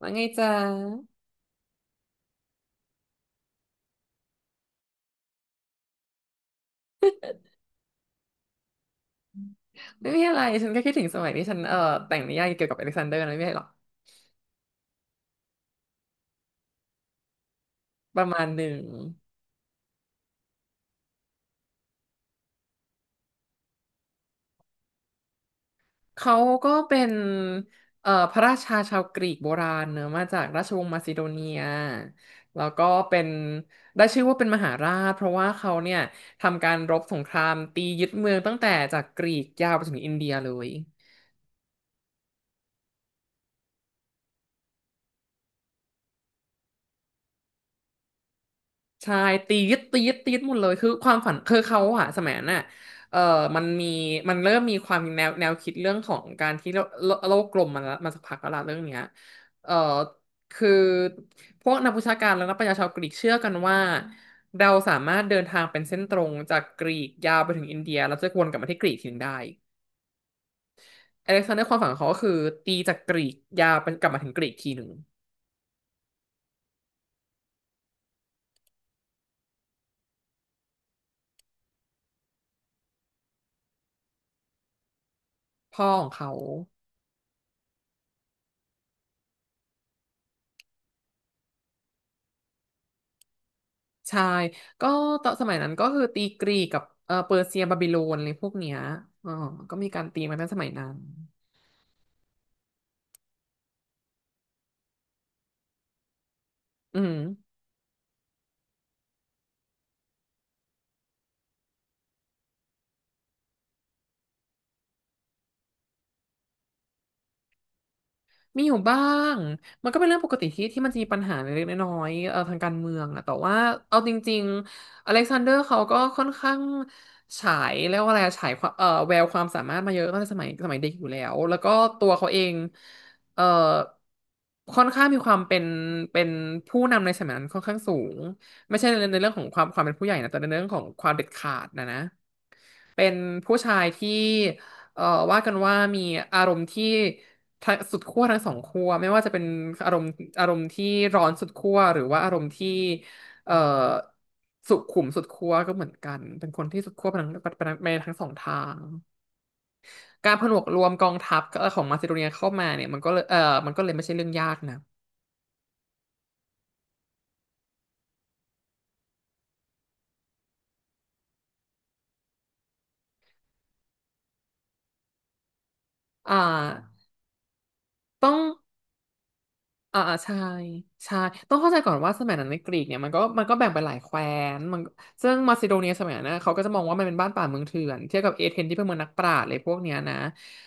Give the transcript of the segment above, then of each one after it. ว่าไงจ๊ะไม่มีอะไรฉันก็คิดถึงสมัยที่ฉันแต่งนิยายเกี่ยวกับอเล็กซานเดอร์นะไม่มีอะไรหรอกประมาณหนึ่งเขาก็เป็นพระราชาชาวกรีกโบราณเนอะมาจากราชวงศ์มาซิโดเนียแล้วก็เป็นได้ชื่อว่าเป็นมหาราชเพราะว่าเขาเนี่ยทำการรบสงครามตียึดเมืองตั้งแต่จากกรีกยาวไปจนถึงอินเดียเลย ใช่ตีดตีดตีดหมดเลยคือความฝันคือเขาอะสมัยนั้นอะเออมันมีมันเริ่มมีความแนวคิดเรื่องของการที่โลกกลมมาแล้วมาสักพักแล้วล่ะเรื่องเนี้ยเออคือพวกนักวิชาการและนักปรัญญาชาวกรีกเชื่อกันว่าเราสามารถเดินทางเป็นเส้นตรงจากกรีกยาวไปถึงอินเดียแล้วจะวนกลับมาที่กรีกทีหนึงได้อเล็กซานเดอร์ความฝันของเขาก็คือตีจากกรีกยาวเปนกลับมาถึงกรีกทีหนึ่งพ่อของเขา ใช่ ก็ตอนสมัยนั้นก็คือตีกรีกกับเปอร์เซียบาบิโลนอะไรพวกเนี้ยอ๋อก็มีการตีมาตั้งสมัยนั้นอืม มีอยู่บ้าง มันก็เป็นเรื่องปกติที่มันจะมีปัญหาเล็กๆน้อยๆทางการเมืองอะแต่ว่าเอาจริงๆอเล็กซานเดอร์เขาก็ค่อนข้างฉายแลีว่าอะไรอะฉายความแววความสามารถมาเยอะตั้งแต่สมัยเด็กอยู่แล้วแล้วก็ตัวเขาเองเอ่อค่อนข้างมีความเป็นเป็นผู้นำในสมัยนั้นค่อนข้างสูงไม่ใช่ในเรื่องของความเป็นผู้ใหญ่นะแต่ในเรื่องของความเด็ดขาดนะ เป็นผู้ชายที่เอ่อว่ากันว่ามีอารมณ์ที่ทั้งสุดขั้วทั้งสองขั้วไม่ว่าจะเป็นอารมณ์อารมณ์ที่ร้อนสุดขั้วหรือว่าอารมณ์ที่เอ่อสุขุมสุดขั้วก็เหมือนกันเป็นคนที่สุดขั้วไปทั้งไปทั้งสองทาง การผนวกรวมกองทัพของมาซิโดเนียเข้ามาเนี่ยมันก็เลยเออมันก็เลยไม่ใช่เรื่องยากนะอ่าต้อง อ่าอ่าใช่ใช่ต้องเข้าใจก่อนว่าสมัยนั้นในกรีกเนี่ยมันก็แบ่งไปหลายแคว้นมันซึ่งมาซิโดเนียสมัยนั้นนะเขาก็จะมองว่ามันเป็นบ้านป่าเมืองเถื่อนเทียบกับเอเธนที่เป็นเมืองนักปราชญ์อะไรพวกเนี้ยนะ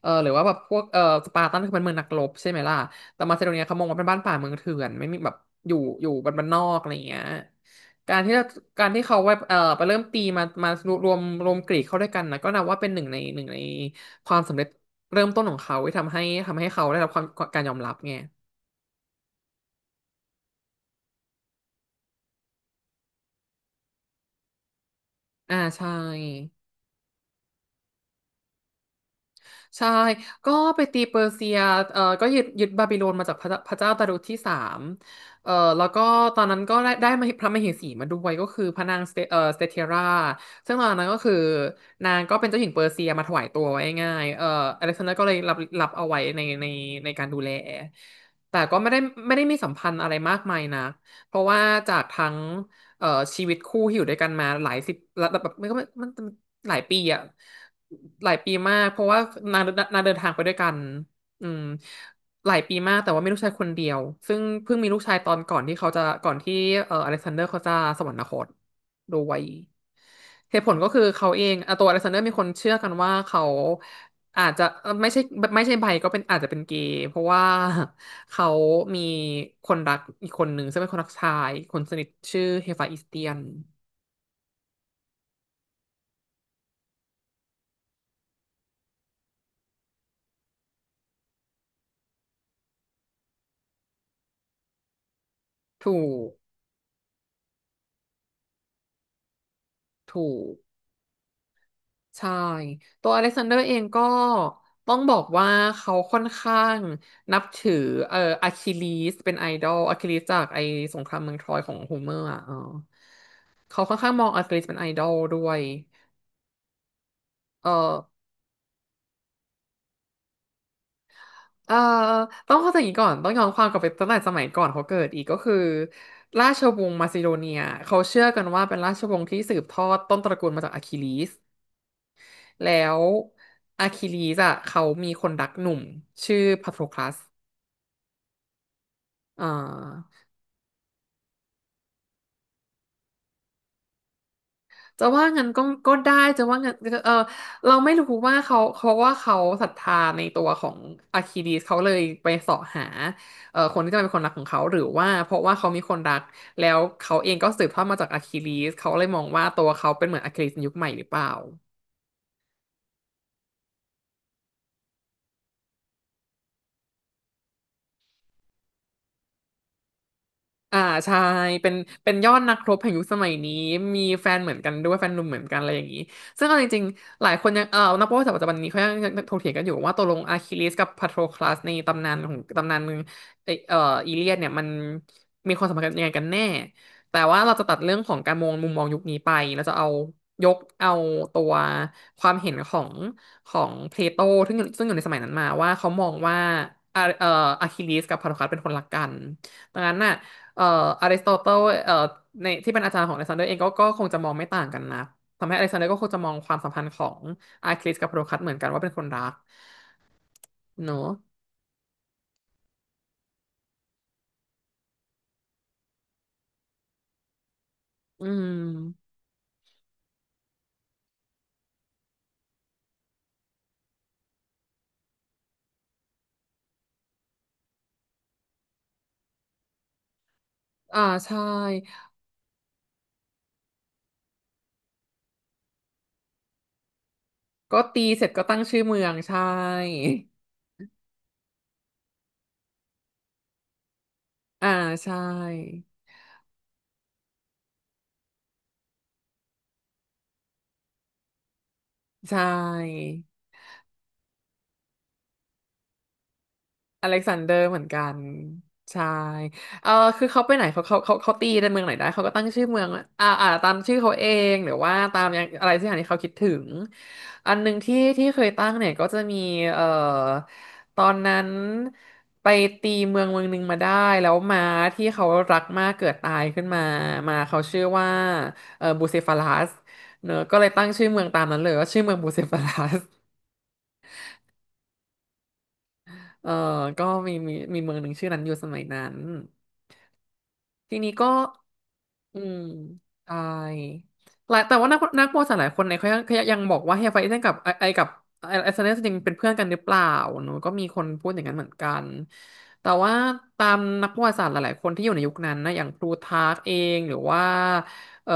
เออหรือว่าแบบพวกสปาร์ตันคือเป็นเมืองนักรบใช่ไหมล่ะแต่มาซิโดเนียเขามองว่าเป็นบ้านป่าเมืองเถื่อนไม่มีแบบอยู่บ้านนอกอะไรอย่างเงี้ยการที่เราการที่เขาไว้ไปเริ่มตีมารวมกรีกเข้าด้วยกันนะก็นับว่าเป็นหนึ่งในความสำเร็จเริ่มต้นของเขาที่ทำให้เขาได้รับความการยอมรับไง อ่าใช่ใช่ก็ไปตีเปอร์เซียก็ยึดบาบิโลนมาจากพระเจ้าดารุธที่สามเอ่อแล้วก็ตอนนั้นก็ได้มาพระมเหสีมาด้วยก็คือพระนางสเตสเตเทราซึ่งตอนนั้นก็คือนางก็เป็นเจ้าหญิงเปอร์เซียมาถวายตัวไว้ง่ายอเล็กซานเดอร์ก็เลยรับเอาไว้ในในการดูแลแต่ก็ไม่ได้ไม่ได้มีสัมพันธ์อะไรมากมายนะเพราะว่าจากทั้งเอ่อชีวิตคู่ที่อยู่ด้วยกันมาหลายสิบแล้วแบบมันก็มันมันหลายปีอะ หลายปีมากเพราะว่านางนางเดินทางไปด้วยกันอืมหลายปีมากแต่ว่ามีลูกชายคนเดียวซึ่งเพิ่งมีลูกชายตอนก่อนที่เขาจะก่อนที่อเล็กซานเดอร์เขาจะสวรรคตด้วยเหตุผลก็คือเขาเองอ่ะตัวอเล็กซานเดอร์มีคนเชื่อกันว่าเขาอาจจะไม่ใช่ไม่ใช่ไบก็เป็นอาจจะเป็นเกย์เพราะว่าเขามีคนรักอีกคนหนึ่งซึ่งเป็นคนรักชายคนสนิทชื่อเฮฟาอิสเตียนถูกถูก ใช่ ตัวอเล็กซานเดอร์เองก็ต้องบอกว่าเขาค่อนข้างนับถืออะคิลีสเป็นไอดอลอะคิลีสจากไอสงครามเมืองทรอยของโฮเมอร์อ่ะเออเขาค่อนข้างมองอะคิลีสเป็นไอดอลด้วยเออเออต้องเข้าใจอย่างนี้ก่อนต้องย้อนความกลับไปตั้งแต่สมัยก่อนเขาเกิดอีกก็คือราชวงศ์มาซิโดเนียเขาเชื่อกันว่าเป็นราชวงศ์ที่สืบทอดต้นตระกูลมาจากอะคิลีสแล้วอะคิลีสอ่ะเขามีคนรักหนุ่มชื่อพาโทคลัสอ่า จะว่างั้นก็ก็ได้จะว่างั้นเออเราไม่รู้ว่าเขาว่าเขาศรัทธาในตัวของอาคิดีสเขาเลยไปเสาะหาคนที่จะเป็นคนรักของเขาหรือว่าเพราะว่าเขามีคนรักแล้วเขาเองก็สืบทอดมาจากอาคิลีสเขาเลยมองว่าตัวเขาเป็นเหมือนอาคิลีสในยุคใหม่หรือเปล่า อ่าใช่เป็นเป็นยอดนักรบแห่งยุคสมัยนี้มีแฟนเหมือนกันด้วยแฟนหนุ่มเหมือนกันอะไรอย่างนี้ซึ่งเอาจริงๆหลายคนยังเออนักประวัติศาสตร์ปัจจุบันนี้เขายังถกเถียงกันอยู่ว่าตกลงอะคิลิสกับพัทโคลัสในตำนานของตำนานเอ่อเอ่ออีเลียดเนี่ยมันมีความสัมพันธ์กันยังไงกันแน่แต่ว่าเราจะตัดเรื่องของการมองมุมมองยุคนี้ไปแล้วจะเอายกเอาตัวความเห็นของของเพลโตซึ่งอยู่ในสมัยนั้นมาว่าเขามองว่าอะเอ่ออะคิลิสกับพาโคลัสเป็นคนรักกันดังนั้นน่ะ เอ่ออริสโตเติลในที่เป็นอาจารย์ของอเล็กซานเดอร์เองก็คงจะมองไม่ต่างกันนะทำให้อเล็กซานเดอร์ก็คงจะมองความสัมพันธ์ของอาคลิสกับโพโดคัสเหมือนกันว่าเป็นคนรักเนอะอืมอ่าใช่ก็ตีเสร็จก็ตั้งชื่อเมืองใช่อ่าใช่ใช่ อเล็กซานเดอร์เหมือนกันใช่เออคือเขาไปไหนเขาตีในเมืองไหนได้เขาก็ตั้งชื่อเมืองว่าตามชื่อเขาเองหรือว่าตามอย่างอะไรสักอย่างที่เขาคิดถึงอันหนึ่งที่ที่เคยตั้งเนี่ยก็จะมีเอ่อตอนนั้นไปตีเมืองหนึ่งมาได้แล้วม้าที่เขารักมากเกิดตายขึ้นมามาเขาชื่อว่าบูเซฟาลัสเนอะก็เลยตั้งชื่อเมืองตามนั้นเลยว่าชื่อเมืองบูเซฟาลัสเออก็มีเมืองหนึ่งชื่อนั้นอยู่สมัยนั้น ทีนี้ก็ อืมใช่หลาย แต่ว่านักประวัติศาสตร์หลายคนเนี่ยเขายังบอกว่าเฮฟไวเซนกับไอไอกับไอซ์แลนด์จริงเป็นเพื่อนกันหรือเปล่าเนอะก็มีคนพูดอย่างนั้นเหมือนกัน แต่ว่าตามนักประวัติศาสตร์หลายๆคนที่อยู่ในยุคนั้นนะอย่างพลูทาร์กเองหรือว่าเอ่อ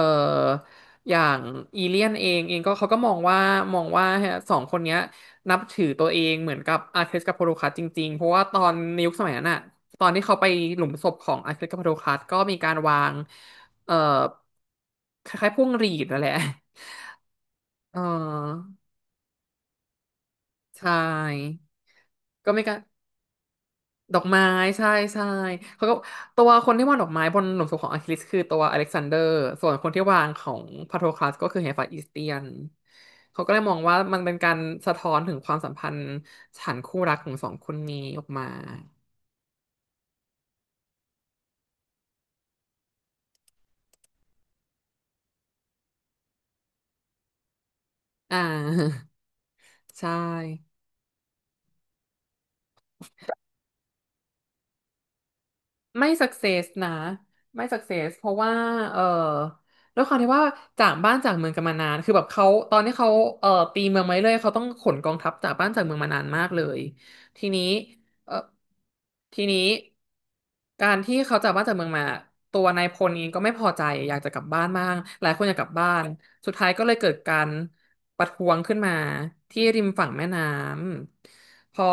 อย่างอีเลียนเองก็เขาก็มองว่าสองคนเนี้ยนับถือตัวเองเหมือนกับอาร์เคสกับโพโดคัสจริงๆเพราะว่าตอนในยุคสมัยนั้นอะตอนที่เขาไปหลุมศพของอาร์เคสกับโพโดคัสก็มีการวาง เอ่อคล้ายๆพวงหรีดนั่นแหละ เออใช่ก็ไม่กล้าดอกไม้ใช่ใช่เขาก็ตัวคนที่วางดอกไม้บนหลุมศพของอะคิลิสคือตัวอเล็กซานเดอร์ส่วนคนที่วางของพาโทคลัสก็คือเฮฟาอิสเตียนเขาก็เลยมองว่ามันเป็นการสะท้อนถึงความสัมพันธ์ฉันคู่รักของสองคนนี้ออกมาอ่า ใช่ ไม่สักเซสนะไม่สักเซสเพราะว่าเออด้วยความที่ว่าจากบ้านจากเมืองกันมานานคือแบบเขาตอนที่เขาเออตีเมืองมาเรื่อยเขาต้องขนกองทัพจากบ้านจากเมืองมานานมากเลยทีนี้เออทีนี้การที่เขาจากบ้านจากเมืองมาตัวนายพลเองก็ไม่พอใจอยากจะกลับบ้านมากหลายคนอยากกลับบ้านสุดท้ายก็เลยเกิดการประท้วงขึ้นมาที่ริมฝั่งแม่น้ำพอ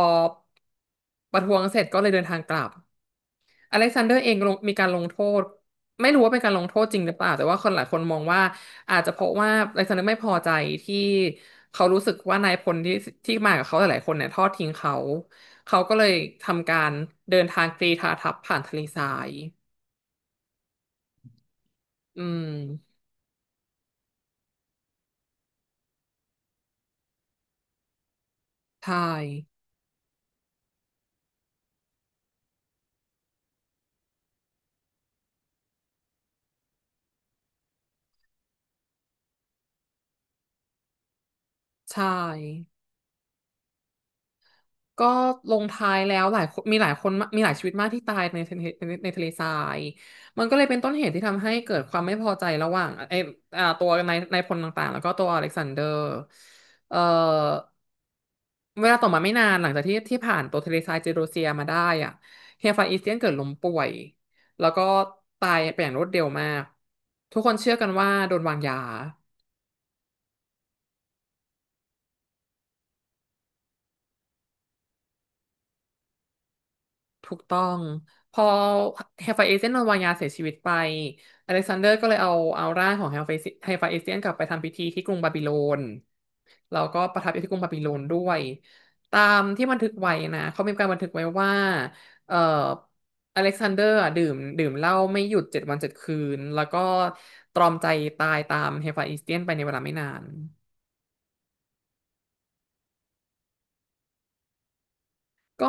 ประท้วงเสร็จก็เลยเดินทางกลับ อเล็กซานเดอร์เองลงมีการลงโทษไม่รู้ว่าเป็นการลงโทษจริงหรือเปล่าแต่ว่าคนหลายคนมองว่าอาจจะเพราะว่าอเล็กซานเดอร์ไม่พอใจที่เขารู้สึกว่านายพลที่มากับเขาหลายๆคนเนี่ยทอดทิ้งเขาเขาก็เลยทำการเดินทางกรีธาทัพผ่านทะเลทรายอืมใช่ใช่ ก็ลงท้ายแล้วหลายคนมีหลายชีวิตมากที่ตายในทะเลในทะเลทรายมันก็เลยเป็นต้นเหตุที่ทำให้เกิดความไม่พอใจระหว่างไอ้อ่าตัวนายพลต่างๆแล้วก็ตัวอเล็กซานเดอร์เอ่อเวลาต่อมาไม่นานหลังจากที่ผ่านตัวเทเลซายเจโรเซียมาได้อ่ะเฮียฟานอีสเตียนเกิดล้มป่วยแล้วก็ตายไปอย่างรวดเร็วมากทุกคนเชื่อกันว่าโดนวางยา ถูกต้องพอเฮลไฟเอเซียนโดนวางยาเสียชีวิตไปอเล็กซานเดอร์ก็เลยเอาร่างของเฮลไฟเอเซียนกลับไปทำพิธีที่กรุงบาบิโลนแล้วก็ประทับอยู่ที่กรุงบาบิโลนด้วยตามที่บันทึกไว้นะเขามีการบันทึกไว้ว่าเอ่ออเล็กซานเดอร์อะดื่มเหล้าไม่หยุดเจ็ดวันเจ็ดคืนแล้วก็ตรอมใจตายตามเฮลไฟเอเซียนไปในเวลาไม่นานก็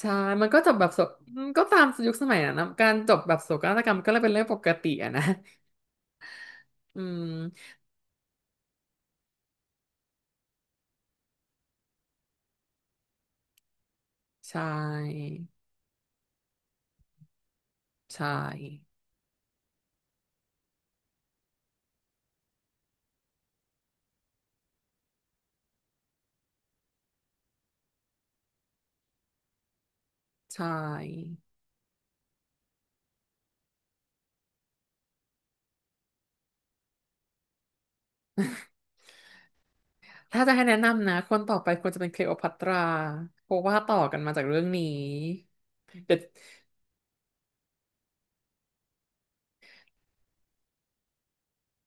ใช่ มันก็จบแบบโศกอืมก็ตามยุคสมัยนะนะ การจบแบบโศกนาฏกรรมก็เลยเป็นเรื่องปกติอะนะ อืม ใช่ ใช่ ใช่ ถ้าจะให้แนะนำนะ คนต่อไปควรจะเป็นคลีโอพัตราเพราะว่าต่อกันมาจากเรื่องนี้ เด็ด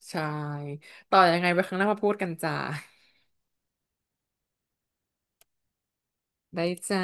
ใช่ ต่อยังไงไว้ครั้งหน้ามาพูดกันจ้า ได้จ้า